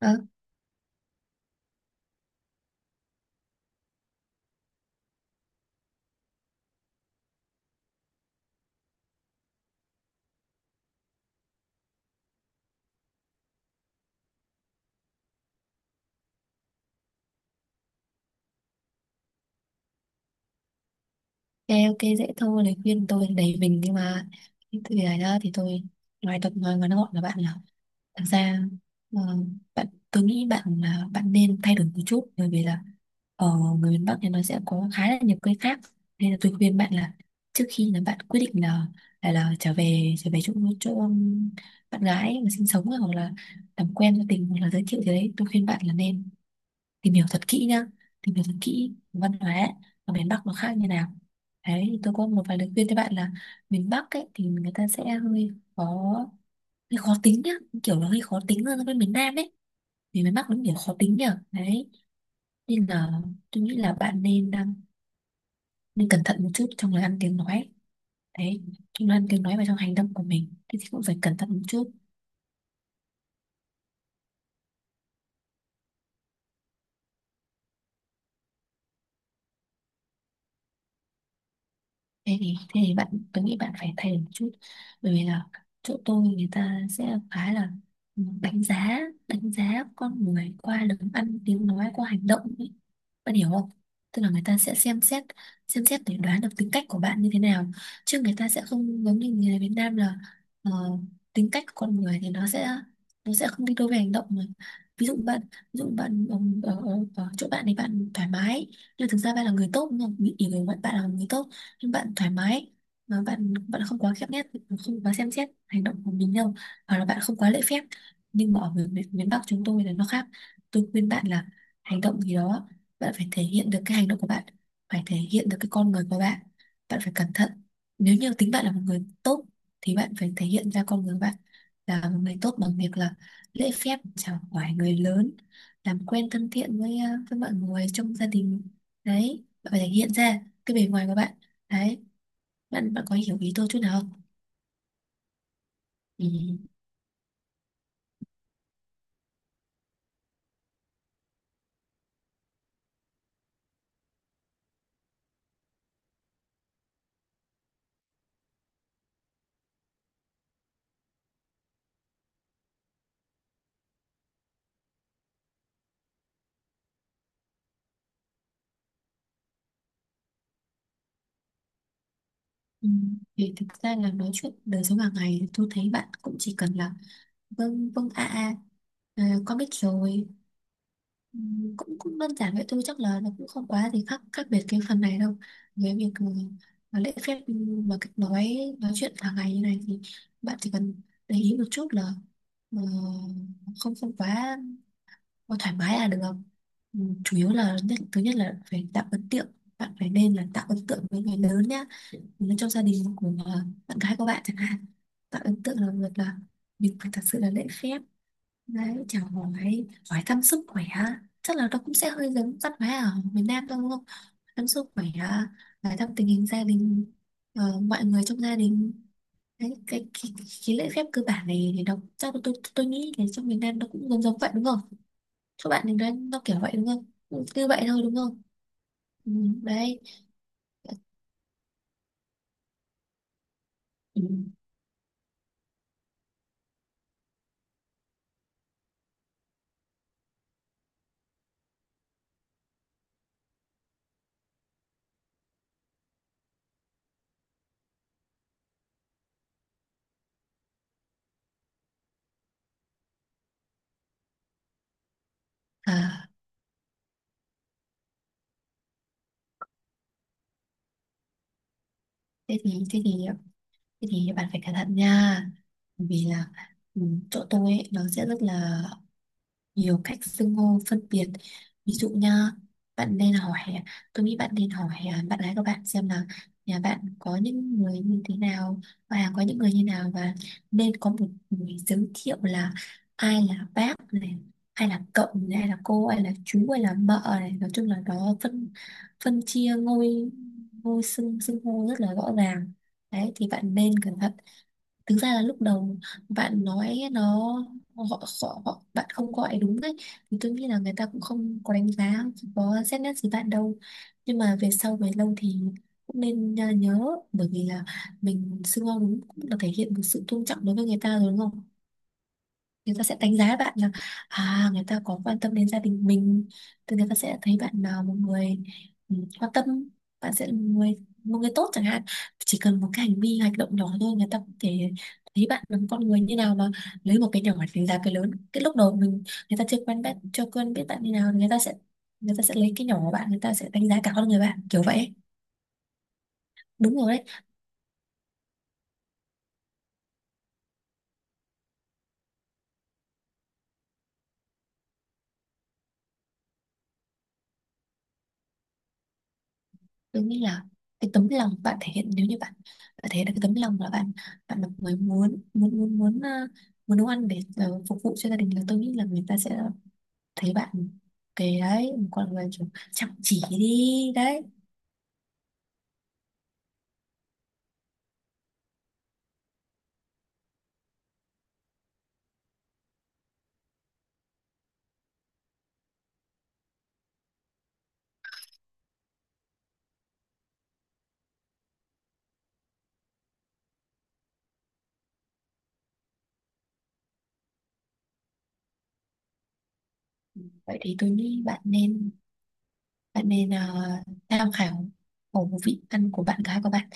Vâng, ok ok, dễ thôi, lời khuyên tôi là đầy mình. Nhưng mà cái từ này đó thì tôi ngoài tập nói ngắn gọn là bạn là thực ra ờ, bạn, tôi nghĩ bạn là bạn nên thay đổi một chút, bởi vì là ở người miền Bắc thì nó sẽ có khá là nhiều cây khác, nên là tôi khuyên bạn là trước khi là bạn quyết định là là trở về chỗ chỗ bạn gái mà sinh sống, hoặc là làm quen gia tình, hoặc là giới thiệu gì đấy, tôi khuyên bạn là nên tìm hiểu thật kỹ nhá, tìm hiểu thật kỹ văn hóa ở miền Bắc nó khác như nào. Đấy, thì tôi có một vài lời khuyên cho bạn là miền Bắc ấy thì người ta sẽ hơi khó, hơi khó tính nhá, kiểu là hơi khó tính hơn so với miền Nam ấy. Vì miền Bắc nó kiểu khó tính nhở đấy, nên là tôi nghĩ là bạn nên đang nên cẩn thận một chút trong lời ăn tiếng nói. Đấy, trong lời ăn tiếng nói và trong hành động của mình thì cũng phải cẩn thận một chút. Thế thì bạn, tôi nghĩ bạn phải thay đổi một chút, bởi vì là chỗ tôi người ta sẽ khá là đánh giá, đánh giá con người qua lời ăn tiếng nói, qua hành động ấy. Bạn hiểu không? Tức là người ta sẽ xem xét, xem xét để đoán được tính cách của bạn như thế nào, chứ người ta sẽ không giống như người Việt Nam là ờ, tính cách của con người thì nó sẽ, nó sẽ không đi đôi với hành động mà. Ví dụ bạn, ví dụ bạn ở, ở ở chỗ bạn thì bạn thoải mái, nhưng thực ra bạn là người tốt, nhưng bị hiểu người bạn, bạn là người tốt nhưng bạn thoải mái, mà bạn bạn không quá khép nép, không quá xem xét hành động của mình đâu, hoặc là bạn không quá lễ phép. Nhưng mà ở miền, miền miền Bắc chúng tôi là nó khác. Tôi khuyên bạn là hành động gì đó bạn phải thể hiện được cái hành động của bạn, phải thể hiện được cái con người của bạn. Bạn phải cẩn thận, nếu như tính bạn là một người tốt thì bạn phải thể hiện ra con người bạn là một người tốt bằng việc là lễ phép chào hỏi người lớn, làm quen thân thiện với với mọi người trong gia đình. Đấy, bạn phải thể hiện ra cái bề ngoài của bạn. Đấy, bạn bạn có hiểu ý tôi chút nào không? Ừ. Ừ. Thì thực ra là nói chuyện đời sống hàng ngày thì tôi thấy bạn cũng chỉ cần là vâng vâng a a, à, con biết rồi. Ừ. cũng cũng đơn giản vậy thôi, chắc là nó cũng không quá gì khác khác biệt cái phần này đâu. Với việc mà lễ phép, mà cách nói chuyện hàng ngày như này thì bạn chỉ cần để ý một chút là ờ, không không quá. Ôi, thoải mái là được không? Ừ, chủ yếu là nhất thứ nhất là phải tạo ấn tượng, bạn phải nên là tạo ấn tượng với người lớn nhá. Nếu trong gia đình của bạn gái của bạn chẳng hạn, tạo ấn tượng là việc là mình phải thật sự là lễ phép. Đấy, chào hỏi, hỏi thăm sức khỏe, chắc là nó cũng sẽ hơi giống văn hóa ở miền Nam thôi, đúng không? Thăm sức khỏe, hỏi thăm tình hình gia đình, mọi người trong gia đình. Đấy, cái lễ phép cơ bản này thì nó chắc là tôi nghĩ là trong miền Nam nó cũng giống giống vậy đúng không? Các bạn nên nói nó kiểu vậy đúng không? Ừ, cứ vậy thôi đúng không? Ừ, đấy. Ừ. À, thế thì thế thì thế thì bạn phải cẩn thận nha, bởi vì là ừ, chỗ tôi ấy, nó sẽ rất là nhiều cách xưng hô phân biệt. Ví dụ nha, bạn nên hỏi, tôi nghĩ bạn nên hỏi bạn gái của bạn xem là nhà bạn có những người như thế nào, và có những người như nào, và nên có một người giới thiệu là ai là bác này, ai là cậu này, ai là cô, ai là chú, ai là mợ này. Nói chung là nó phân phân chia ngôi ngôi xưng xưng hô rất là rõ ràng. Đấy, thì bạn nên cẩn thận. Thực ra là lúc đầu bạn nói nó họ, họ, bạn không gọi đúng ấy, thì tôi nghĩ là người ta cũng không có đánh giá, không có xét nét gì bạn đâu. Nhưng mà về sau về lâu thì cũng nên nhớ, bởi vì là mình xưng hô đúng cũng là thể hiện một sự tôn trọng đối với người ta rồi đúng không? Người ta sẽ đánh giá bạn là à người ta có quan tâm đến gia đình mình, thì người ta sẽ thấy bạn là một người quan tâm. Bạn sẽ là một người, một người tốt chẳng hạn. Chỉ cần một cái hành vi hành động nhỏ thôi người ta có thể thấy bạn là một con người như nào. Mà lấy một cái nhỏ để đánh giá cái lớn, cái lúc đầu mình, người ta chưa quen bạn, chưa quen biết bạn như nào, người ta sẽ, người ta sẽ lấy cái nhỏ của bạn, người ta sẽ đánh giá cả con người bạn kiểu vậy. Đúng rồi đấy. Tôi nghĩ là cái tấm lòng bạn thể hiện, nếu như bạn, bạn thể hiện được cái tấm lòng là bạn, bạn là người muốn muốn muốn muốn ờ, muốn nấu ăn để phục vụ cho gia đình, là tôi nghĩ là người ta sẽ thấy bạn cái đấy một con người kiểu chăm chỉ đi đấy. Vậy thì tôi nghĩ bạn nên, bạn nên tham khảo khẩu vị ăn của bạn gái của bạn,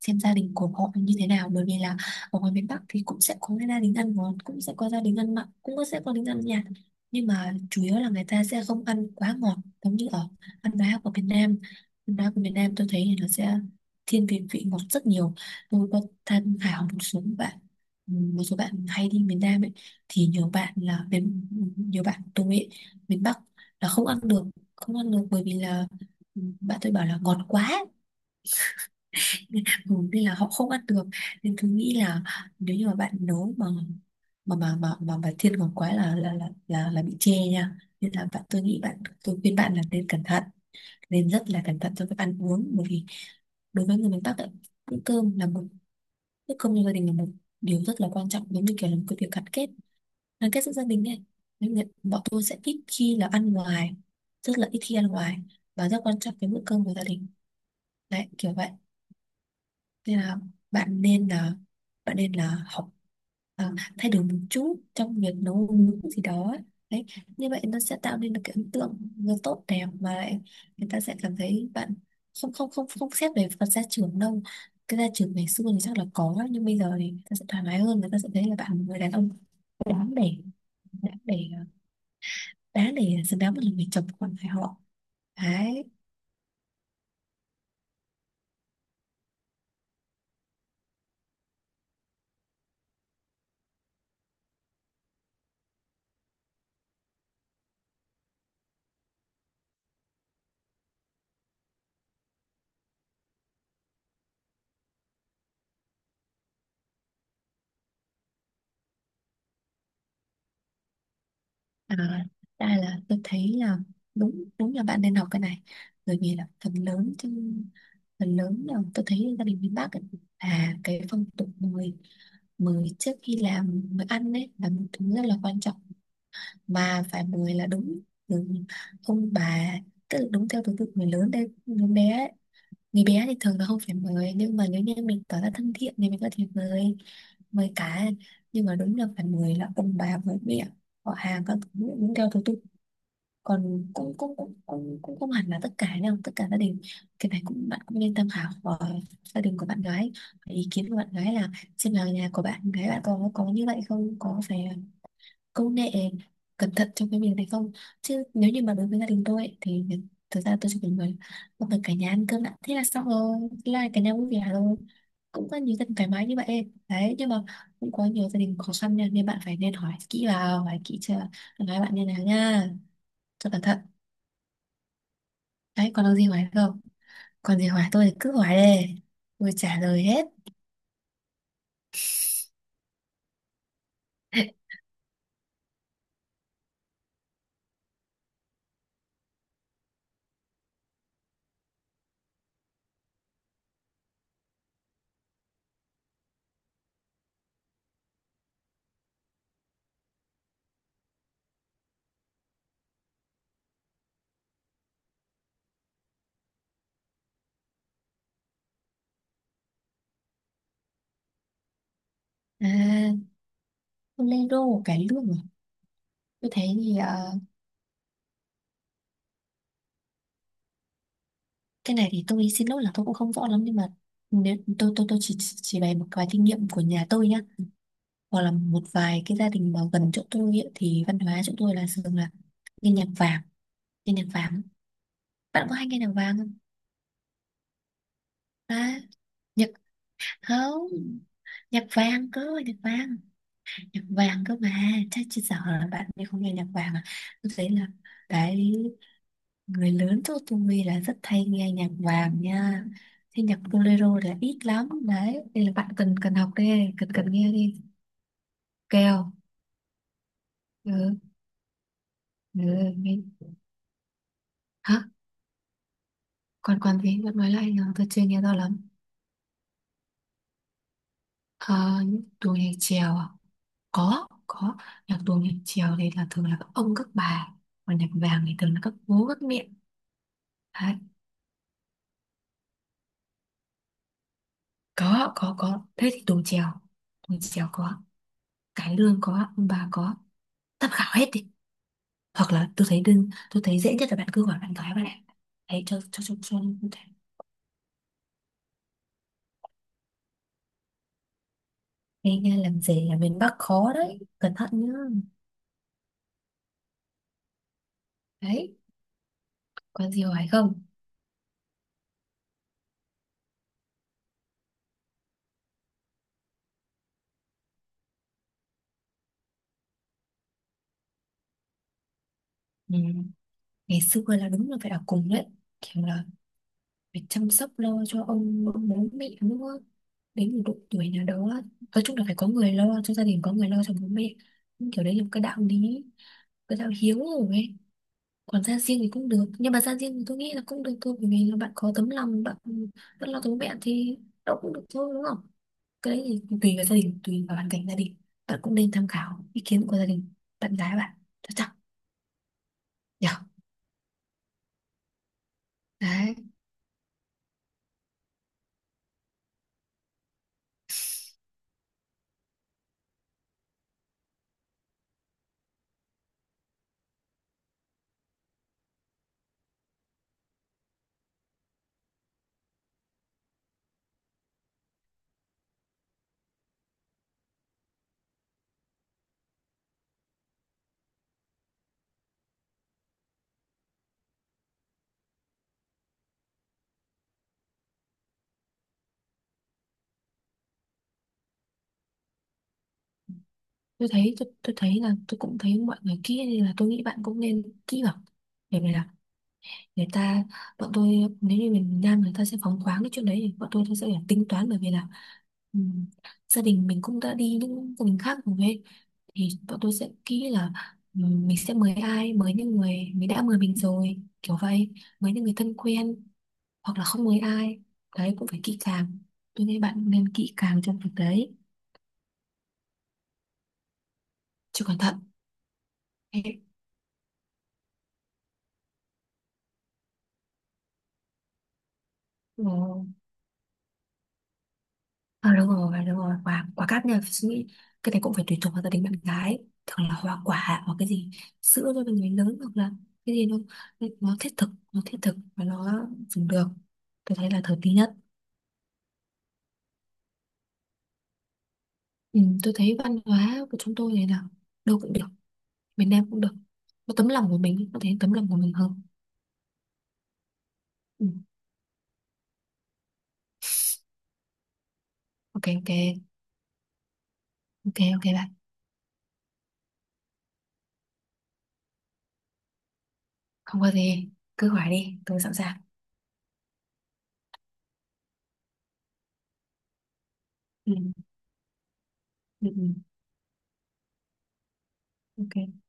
xem gia đình của họ như thế nào. Bởi vì là ở ngoài miền Bắc thì cũng sẽ có cái gia đình ăn ngon, cũng sẽ có gia đình ăn mặn, sẽ có gia đình ăn nhạt, nhưng mà chủ yếu là người ta sẽ không ăn quá ngọt. Giống như ở ăn bá của Việt Nam, ăn bá của Việt Nam tôi thấy thì nó sẽ thiên về vị ngọt rất nhiều. Tôi có tham khảo một số bạn, một số bạn hay đi miền Nam ấy, thì nhiều bạn là miền, nhiều bạn tôi ấy miền Bắc là không ăn được, không ăn được, bởi vì là bạn tôi bảo là ngọt quá, nên, Ừ, nên là họ không ăn được. Nên tôi nghĩ là nếu như mà bạn nấu mà thiên ngọt quá là là bị chê nha. Nên là bạn, tôi nghĩ bạn, tôi khuyên bạn là nên cẩn thận, nên rất là cẩn thận trong việc ăn uống, bởi vì đối với người miền Bắc ấy, bữa cơm là một, bữa cơm trong gia đình là một điều rất là quan trọng, giống như kiểu là một cái việc gắn kết, gắn kết giữa gia đình ấy. Nên là bọn tôi sẽ ít khi là ăn ngoài, rất là ít khi ăn ngoài, và rất quan trọng cái bữa cơm của gia đình. Đấy, kiểu vậy. Nên là bạn nên là, bạn nên là học à, thay đổi một chút trong việc nấu nướng gì đó ấy. Đấy, như vậy nó sẽ tạo nên được cái ấn tượng nó tốt đẹp, mà lại người ta sẽ cảm thấy bạn không không không không xét về phần gia trưởng đâu. Cái gia trưởng ngày xưa thì chắc là có, nhưng bây giờ thì người ta sẽ thoải mái hơn, người ta sẽ thấy là bạn là một người đàn ông đáng để, đáng để, đáng để xứng đáng một người chồng con phải họ. Đấy. À, đây là tôi thấy là đúng, đúng là bạn nên học cái này, bởi vì là phần lớn trong, phần lớn là tôi thấy gia đình miền Bắc ấy, là cái phong tục mời, mời trước khi làm mời ăn, đấy là một thứ rất là quan trọng. Mà phải mời là đúng từ ông bà, tức là đúng theo thứ tự người lớn đến người bé ấy. Người bé thì thường là không phải mời, nhưng mà nếu như mình tỏ ra thân thiện thì mình có thể mời mời cả. Nhưng mà đúng là phải mời là ông bà, mời mẹ, họ hàng các thứ đúng theo thứ tự. Còn cũng cũng cũng cũng, cũng không hẳn là tất cả đâu, tất cả gia đình. Cái này cũng bạn cũng nên tham khảo của gia đình của bạn gái. Và ý kiến của bạn gái là xem là nhà của bạn gái bạn có như vậy không, có phải công nghệ cẩn thận trong cái việc này không. Chứ nếu như mà đối với gia đình tôi ấy, thì thực ra tôi chỉ cần người không cần cả nhà ăn cơm đã, thế là xong rồi, thế là cả nhà vui vẻ rồi. Cũng có nhiều gia đình thoải mái như vậy đấy, nhưng mà cũng có nhiều gia đình khó khăn nha, nên bạn phải nên hỏi kỹ vào, hỏi kỹ chưa, nói bạn như nào nha, cho cẩn thận. Đấy, còn được gì hỏi không? Còn gì hỏi tôi thì cứ hỏi đi. Tôi trả lời hết. À, Bolero, của cải lương à? Tôi thấy thì cái này thì tôi xin lỗi là tôi cũng không rõ lắm, nhưng mà nếu tôi chỉ bày một vài kinh nghiệm của nhà tôi nhá, hoặc là một vài cái gia đình mà gần chỗ tôi ấy, thì văn hóa chỗ tôi là thường là nghe nhạc vàng, nghe nhạc vàng. Bạn có hay nghe nhạc vàng không? À, nhạc không, nhạc vàng cơ, nhạc vàng, nhạc vàng cơ mà. Chắc chị sợ là bạn ấy không nghe nhạc vàng à. Tôi thấy là cái người lớn chỗ tôi là rất hay nghe nhạc vàng nha. Thế nhạc bolero là ít lắm đấy, nên là bạn cần cần học đi, cần cần nghe đi, kèo. Ừ, ừ, nghe. Hả? Còn còn gì bạn nói lại nhờ, tôi chưa nghe rõ lắm. À, tuồng nhạc chèo à? Có, nhạc tuồng nhạc chèo thì là thường là các ông các bà, còn nhạc vàng thì thường là các bố các mẹ. Đấy. Có, thế thì đồ chèo, đồ chèo có, cải lương có, ông bà có, tham khảo hết đi. Hoặc là tôi thấy đơn, tôi thấy dễ nhất là bạn cứ hỏi bạn gái bạn ạ. Đấy, cho nghe nghe làm gì, là miền Bắc khó đấy, cẩn thận nhá. Đấy, có gì hỏi không? Ừ. Ngày xưa là đúng là phải ở cùng đấy, kiểu là phải chăm sóc lo cho ông bố mẹ nữa đến một độ tuổi nào đó. Nói chung là phải có người lo cho gia đình, có người lo cho bố mẹ. Nhưng kiểu đấy là một cái đạo lý, cái đạo hiếu rồi ấy. Còn ra riêng thì cũng được, nhưng mà ra riêng thì tôi nghĩ là cũng được thôi, bởi vì là bạn có tấm lòng, bạn vẫn lo cho bố mẹ thì đâu cũng được thôi, đúng không. Cái đấy thì tùy vào gia đình, tùy vào hoàn cảnh gia đình. Bạn cũng nên tham khảo ý kiến của gia đình bạn gái bạn chắc chắn nhở. Đấy. Tôi thấy là tôi cũng thấy mọi người kia, nên là tôi nghĩ bạn cũng nên kỹ vào để này. Người ta, bọn tôi, nếu như miền Nam người ta sẽ phóng khoáng cái chuyện đấy, thì bọn tôi sẽ phải tính toán, bởi vì là ừm, gia đình mình cũng đã đi những gia đình khác rồi ấy. Thì bọn tôi sẽ kỹ là mình sẽ mời ai, mời những người mình đã mời mình rồi, kiểu vậy, mời những người thân quen, hoặc là không mời ai. Đấy cũng phải kỹ càng, tôi nghĩ bạn nên kỹ càng trong việc đấy, chứ cẩn thận. Ê, ờ, ờ đúng rồi, quả, quả cát nha, suy nghĩ. Cái này cũng phải tùy thuộc vào gia đình bạn gái. Thường là hoa quả, hoặc cái gì sữa cho mình người lớn, hoặc là cái gì nó nó thiết thực và nó dùng được. Tôi thấy là thời tí nhất. Ừ, tôi thấy văn hóa của chúng tôi này là đâu cũng được, miền Nam cũng được, có tấm lòng của mình, có thể tấm lòng của mình hơn. Ừ, ok. Ok, ok, ok bạn. Không có gì, cứ hỏi đi, tôi sẵn sàng. Ừ, ừ, ừ, ok.